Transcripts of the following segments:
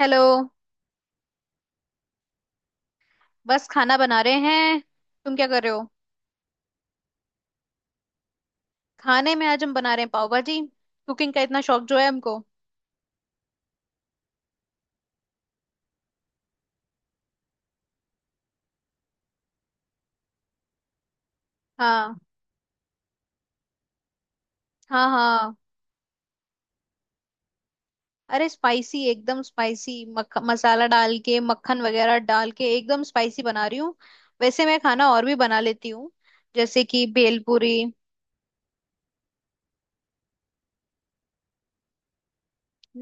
Hello. बस खाना बना रहे हैं। तुम क्या कर रहे हो? खाने में आज हम बना रहे हैं पाव भाजी। कुकिंग का इतना शौक जो है हमको। हाँ, हाँ हाँ। अरे स्पाइसी एकदम स्पाइसी मसाला डाल के मक्खन वगैरह डाल के एकदम स्पाइसी बना रही हूँ। वैसे मैं खाना और भी बना लेती हूँ, जैसे कि भेलपूरी।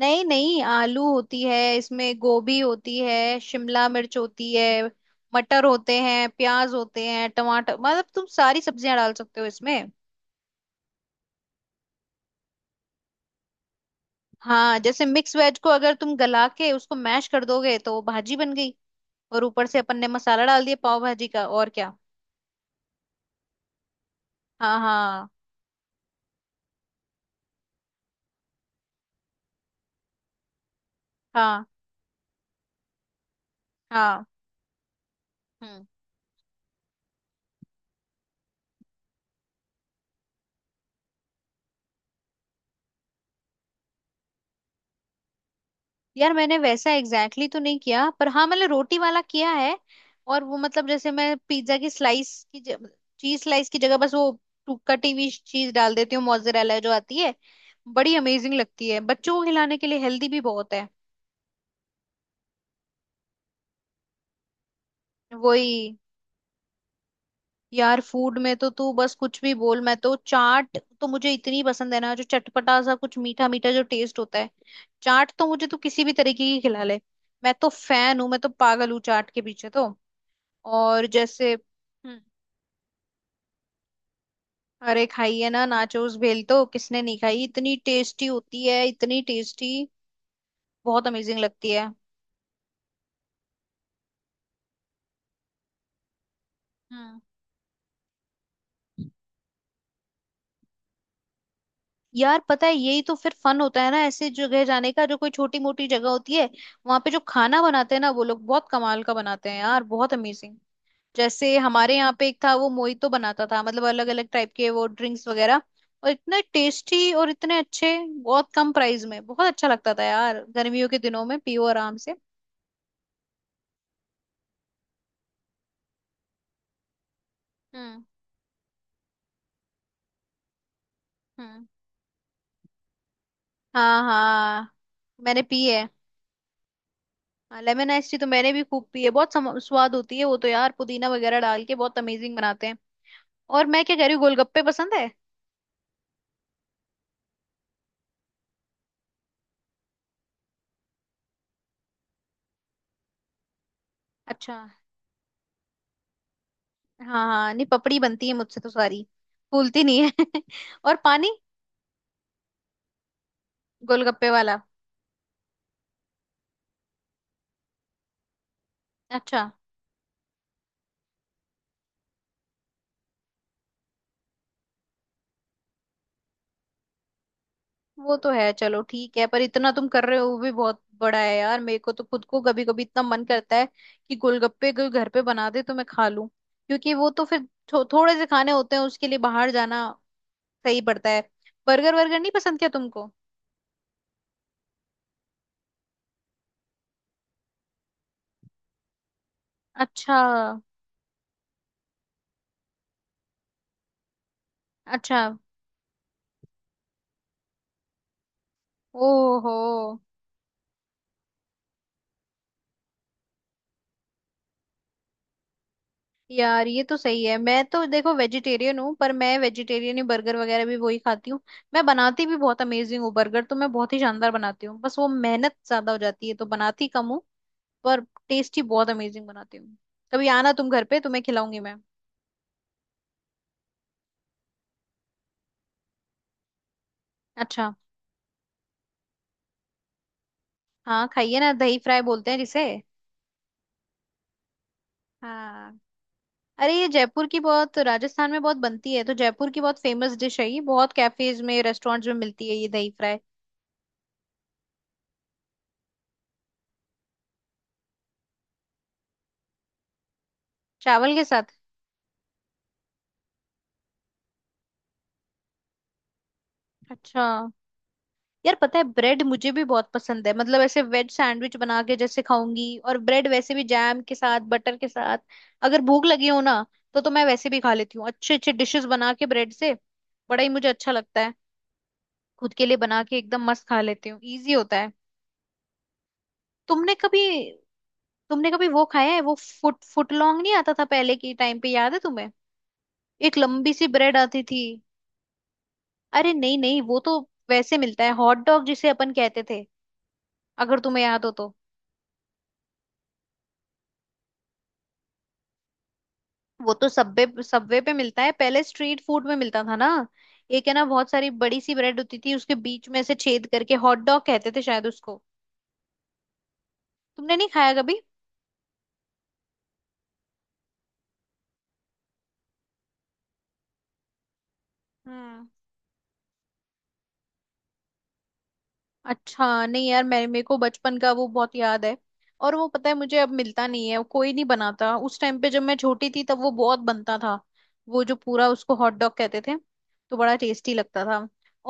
नहीं नहीं, आलू होती है इसमें, गोभी होती है, शिमला मिर्च होती है, मटर होते हैं, प्याज होते हैं, टमाटर, मतलब तुम सारी सब्जियां डाल सकते हो इसमें। हाँ, जैसे मिक्स वेज को अगर तुम गला के उसको मैश कर दोगे तो वो भाजी बन गई, और ऊपर से अपन ने मसाला डाल दिया पाव भाजी का, और क्या। हाँ हाँ, हाँ हाँ। हम्म। यार मैंने वैसा एग्जैक्टली exactly तो नहीं किया, पर हाँ, मैंने रोटी वाला किया है। और वो, मतलब जैसे मैं पिज्जा की स्लाइस की, चीज स्लाइस की जगह बस वो कटी हुई चीज डाल देती हूँ, मोzzरेला जो आती है। बड़ी अमेजिंग लगती है, बच्चों को खिलाने के लिए हेल्दी भी बहुत है। वही। यार फूड में तो तू बस कुछ भी बोल, मैं तो चाट तो मुझे इतनी पसंद है ना, जो चटपटा सा कुछ मीठा मीठा जो टेस्ट होता है। चाट तो मुझे तू किसी भी तरीके की खिला ले। मैं तो फैन हूँ, मैं तो पागल हूँ चाट के पीछे तो। और जैसे अरे खाई है ना, नाचोस भेल तो किसने नहीं खाई, इतनी टेस्टी होती है, इतनी टेस्टी, बहुत अमेजिंग लगती है। हम्म। यार पता है यही तो फिर फन होता है ना ऐसे जगह जाने का, जो कोई छोटी मोटी जगह होती है। वहां पे जो खाना बनाते हैं ना, वो लोग बहुत कमाल का बनाते हैं यार, बहुत अमेजिंग। जैसे हमारे यहाँ पे एक था वो मोहितो बनाता था, मतलब अलग अलग टाइप के वो ड्रिंक्स वगैरह, और इतने टेस्टी और इतने अच्छे, बहुत कम प्राइस में। बहुत अच्छा लगता था यार, गर्मियों के दिनों में पियो आराम से। हम्म। हम्म। हाँ हाँ, मैंने पी है। लेमन आइस टी तो मैंने भी खूब पी है, बहुत स्वाद होती है वो तो यार, पुदीना वगैरह डाल के बहुत अमेजिंग बनाते हैं। और मैं क्या कह रही हूँ, गोलगप्पे पसंद है। अच्छा। हाँ हाँ, नहीं, पपड़ी बनती है मुझसे तो सारी, फूलती नहीं है। और पानी, गोलगप्पे वाला। अच्छा। वो तो है, चलो ठीक है, पर इतना तुम कर रहे हो वो भी बहुत बड़ा है यार। मेरे को तो खुद को कभी कभी इतना मन करता है कि गोलगप्पे कोई घर पे बना दे तो मैं खा लूं, क्योंकि वो तो फिर थोड़े से खाने होते हैं, उसके लिए बाहर जाना सही पड़ता है। बर्गर वर्गर नहीं पसंद क्या तुमको? अच्छा, अच्छा, ओहो। यार ये तो सही है, मैं तो देखो वेजिटेरियन हूँ, पर मैं वेजिटेरियन ही बर्गर वगैरह भी वही खाती हूँ। मैं बनाती भी बहुत अमेजिंग हूँ, बर्गर तो मैं बहुत ही शानदार बनाती हूँ, बस वो मेहनत ज्यादा हो जाती है तो बनाती कम हूँ। पर टेस्टी बहुत अमेजिंग बनाती हूँ। कभी आना तुम घर पे, तुम्हें खिलाऊंगी मैं। अच्छा। हाँ, खाइए ना, दही फ्राई बोलते हैं जिसे। हाँ। अरे ये जयपुर की, बहुत राजस्थान में बहुत बनती है, तो जयपुर की बहुत फेमस डिश है ये, बहुत कैफेज में रेस्टोरेंट्स में मिलती है ये दही फ्राई। चावल के साथ। अच्छा। यार पता है ब्रेड मुझे भी बहुत पसंद है, मतलब ऐसे वेज सैंडविच बना के जैसे खाऊंगी, और ब्रेड वैसे भी जैम के साथ बटर के साथ, अगर भूख लगी हो ना तो मैं वैसे भी खा लेती हूँ, अच्छे अच्छे डिशेस बना के ब्रेड से। बड़ा ही मुझे अच्छा लगता है। खुद के लिए बना के एकदम मस्त खा लेती हूँ, इजी होता है। तुमने कभी, तुमने कभी वो खाया है, वो फुट फुट लॉन्ग नहीं आता था पहले के टाइम पे, याद है तुम्हें? एक लंबी सी ब्रेड आती थी। अरे नहीं नहीं, वो तो वैसे मिलता है, हॉट डॉग जिसे अपन कहते थे, अगर तुम्हें याद हो तो। वो तो सबवे, सबवे पे मिलता है, पहले स्ट्रीट फूड में मिलता था ना। एक है ना, बहुत सारी बड़ी सी ब्रेड होती थी, उसके बीच में से छेद करके हॉट डॉग कहते थे शायद उसको। तुमने नहीं खाया कभी? हम्म। अच्छा नहीं यार, मैं, मेरे को बचपन का वो बहुत याद है। और वो पता है मुझे अब मिलता नहीं है, कोई नहीं बनाता, उस टाइम पे जब मैं छोटी थी तब वो बहुत बनता था। वो जो पूरा, उसको हॉट डॉग कहते थे, तो बड़ा टेस्टी लगता था।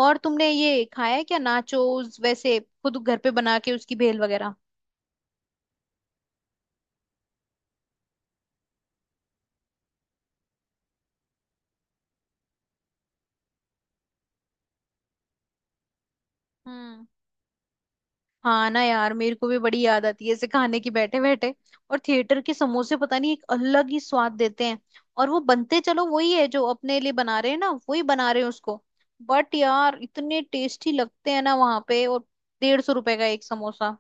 और तुमने ये खाया है क्या, नाचोस वैसे खुद घर पे बना के उसकी भेल वगैरह? हम्म। हाँ ना यार, मेरे को भी बड़ी याद आती है ऐसे खाने की, बैठे बैठे। और थिएटर के समोसे पता नहीं एक अलग ही स्वाद देते हैं। और वो बनते, चलो वही है जो अपने लिए बना रहे हैं ना, वही बना रहे हैं उसको। बट यार इतने टेस्टी लगते हैं ना वहां पे, और 150 रुपए का एक समोसा।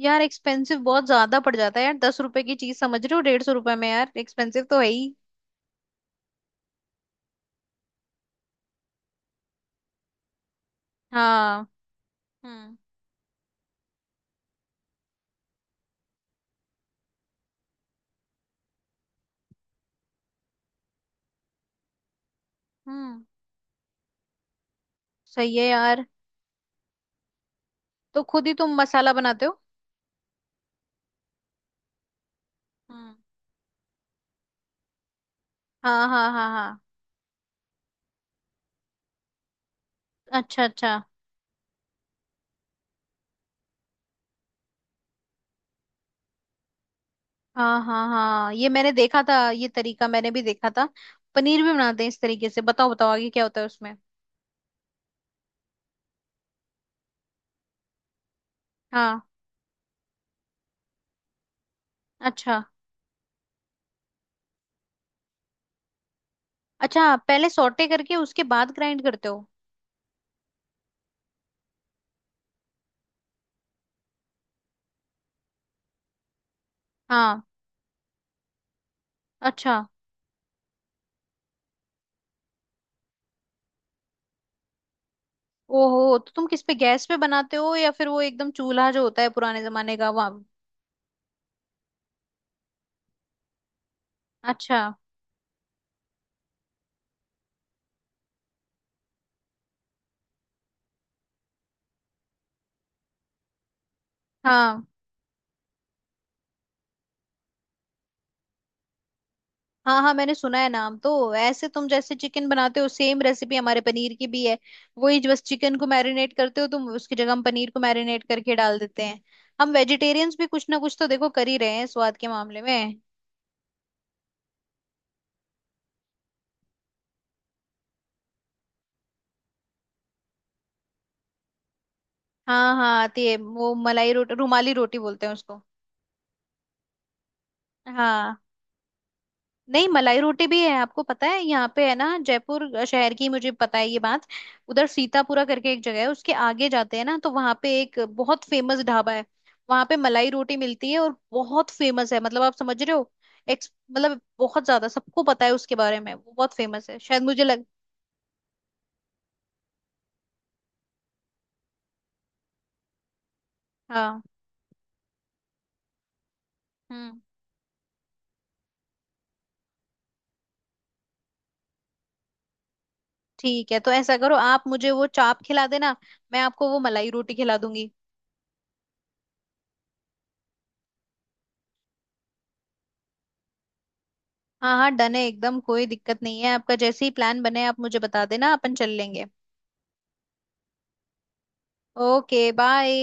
यार एक्सपेंसिव बहुत ज्यादा पड़ जाता है यार, 10 रुपए की चीज समझ रहे हो 150 रुपए में, यार एक्सपेंसिव तो है ही। हाँ। हम्म। हम्म। सही है यार। तो खुद ही तुम मसाला बनाते हो। हम्म। हाँ हाँ, हाँ हाँ, अच्छा अच्छा। हाँ हाँ हाँ, ये मैंने देखा था, ये तरीका मैंने भी देखा था। पनीर भी बनाते हैं इस तरीके से, बताओ बताओ आगे क्या होता है उसमें। हाँ। अच्छा अच्छा, पहले सौटे करके उसके बाद ग्राइंड करते हो। हाँ। अच्छा। ओहो, तो तुम किस पे, गैस पे बनाते हो, या फिर वो एकदम चूल्हा जो होता है पुराने जमाने का, वहां? अच्छा। हाँ हाँ हाँ, मैंने सुना है नाम तो। ऐसे तुम जैसे चिकन बनाते हो, सेम रेसिपी हमारे पनीर की भी है। वही, बस चिकन को मैरिनेट करते हो तुम, उसकी जगह हम पनीर को मैरिनेट करके डाल देते हैं। हम वेजिटेरियंस भी कुछ ना कुछ तो देखो कर ही रहे हैं स्वाद के मामले में। हाँ हाँ, आती है वो मलाई रोटी, रुमाली रोटी बोलते हैं उसको। हाँ। नहीं, मलाई रोटी भी है, आपको पता है, यहाँ पे है ना, जयपुर शहर की मुझे पता है ये बात। उधर सीतापुरा करके एक जगह है, उसके आगे जाते हैं ना, तो वहाँ पे एक बहुत फेमस ढाबा है। वहाँ पे मलाई रोटी मिलती है और बहुत फेमस है, मतलब आप समझ रहे हो, एक्स मतलब बहुत ज्यादा सबको पता है उसके बारे में, वो बहुत फेमस है शायद, मुझे लग। हाँ। हम्म। ठीक है, तो ऐसा करो, आप मुझे वो चाप खिला देना, मैं आपको वो मलाई रोटी खिला दूंगी। हाँ हाँ, डन है एकदम, कोई दिक्कत नहीं है, आपका जैसे ही प्लान बने आप मुझे बता देना, अपन चल लेंगे। Okay bye.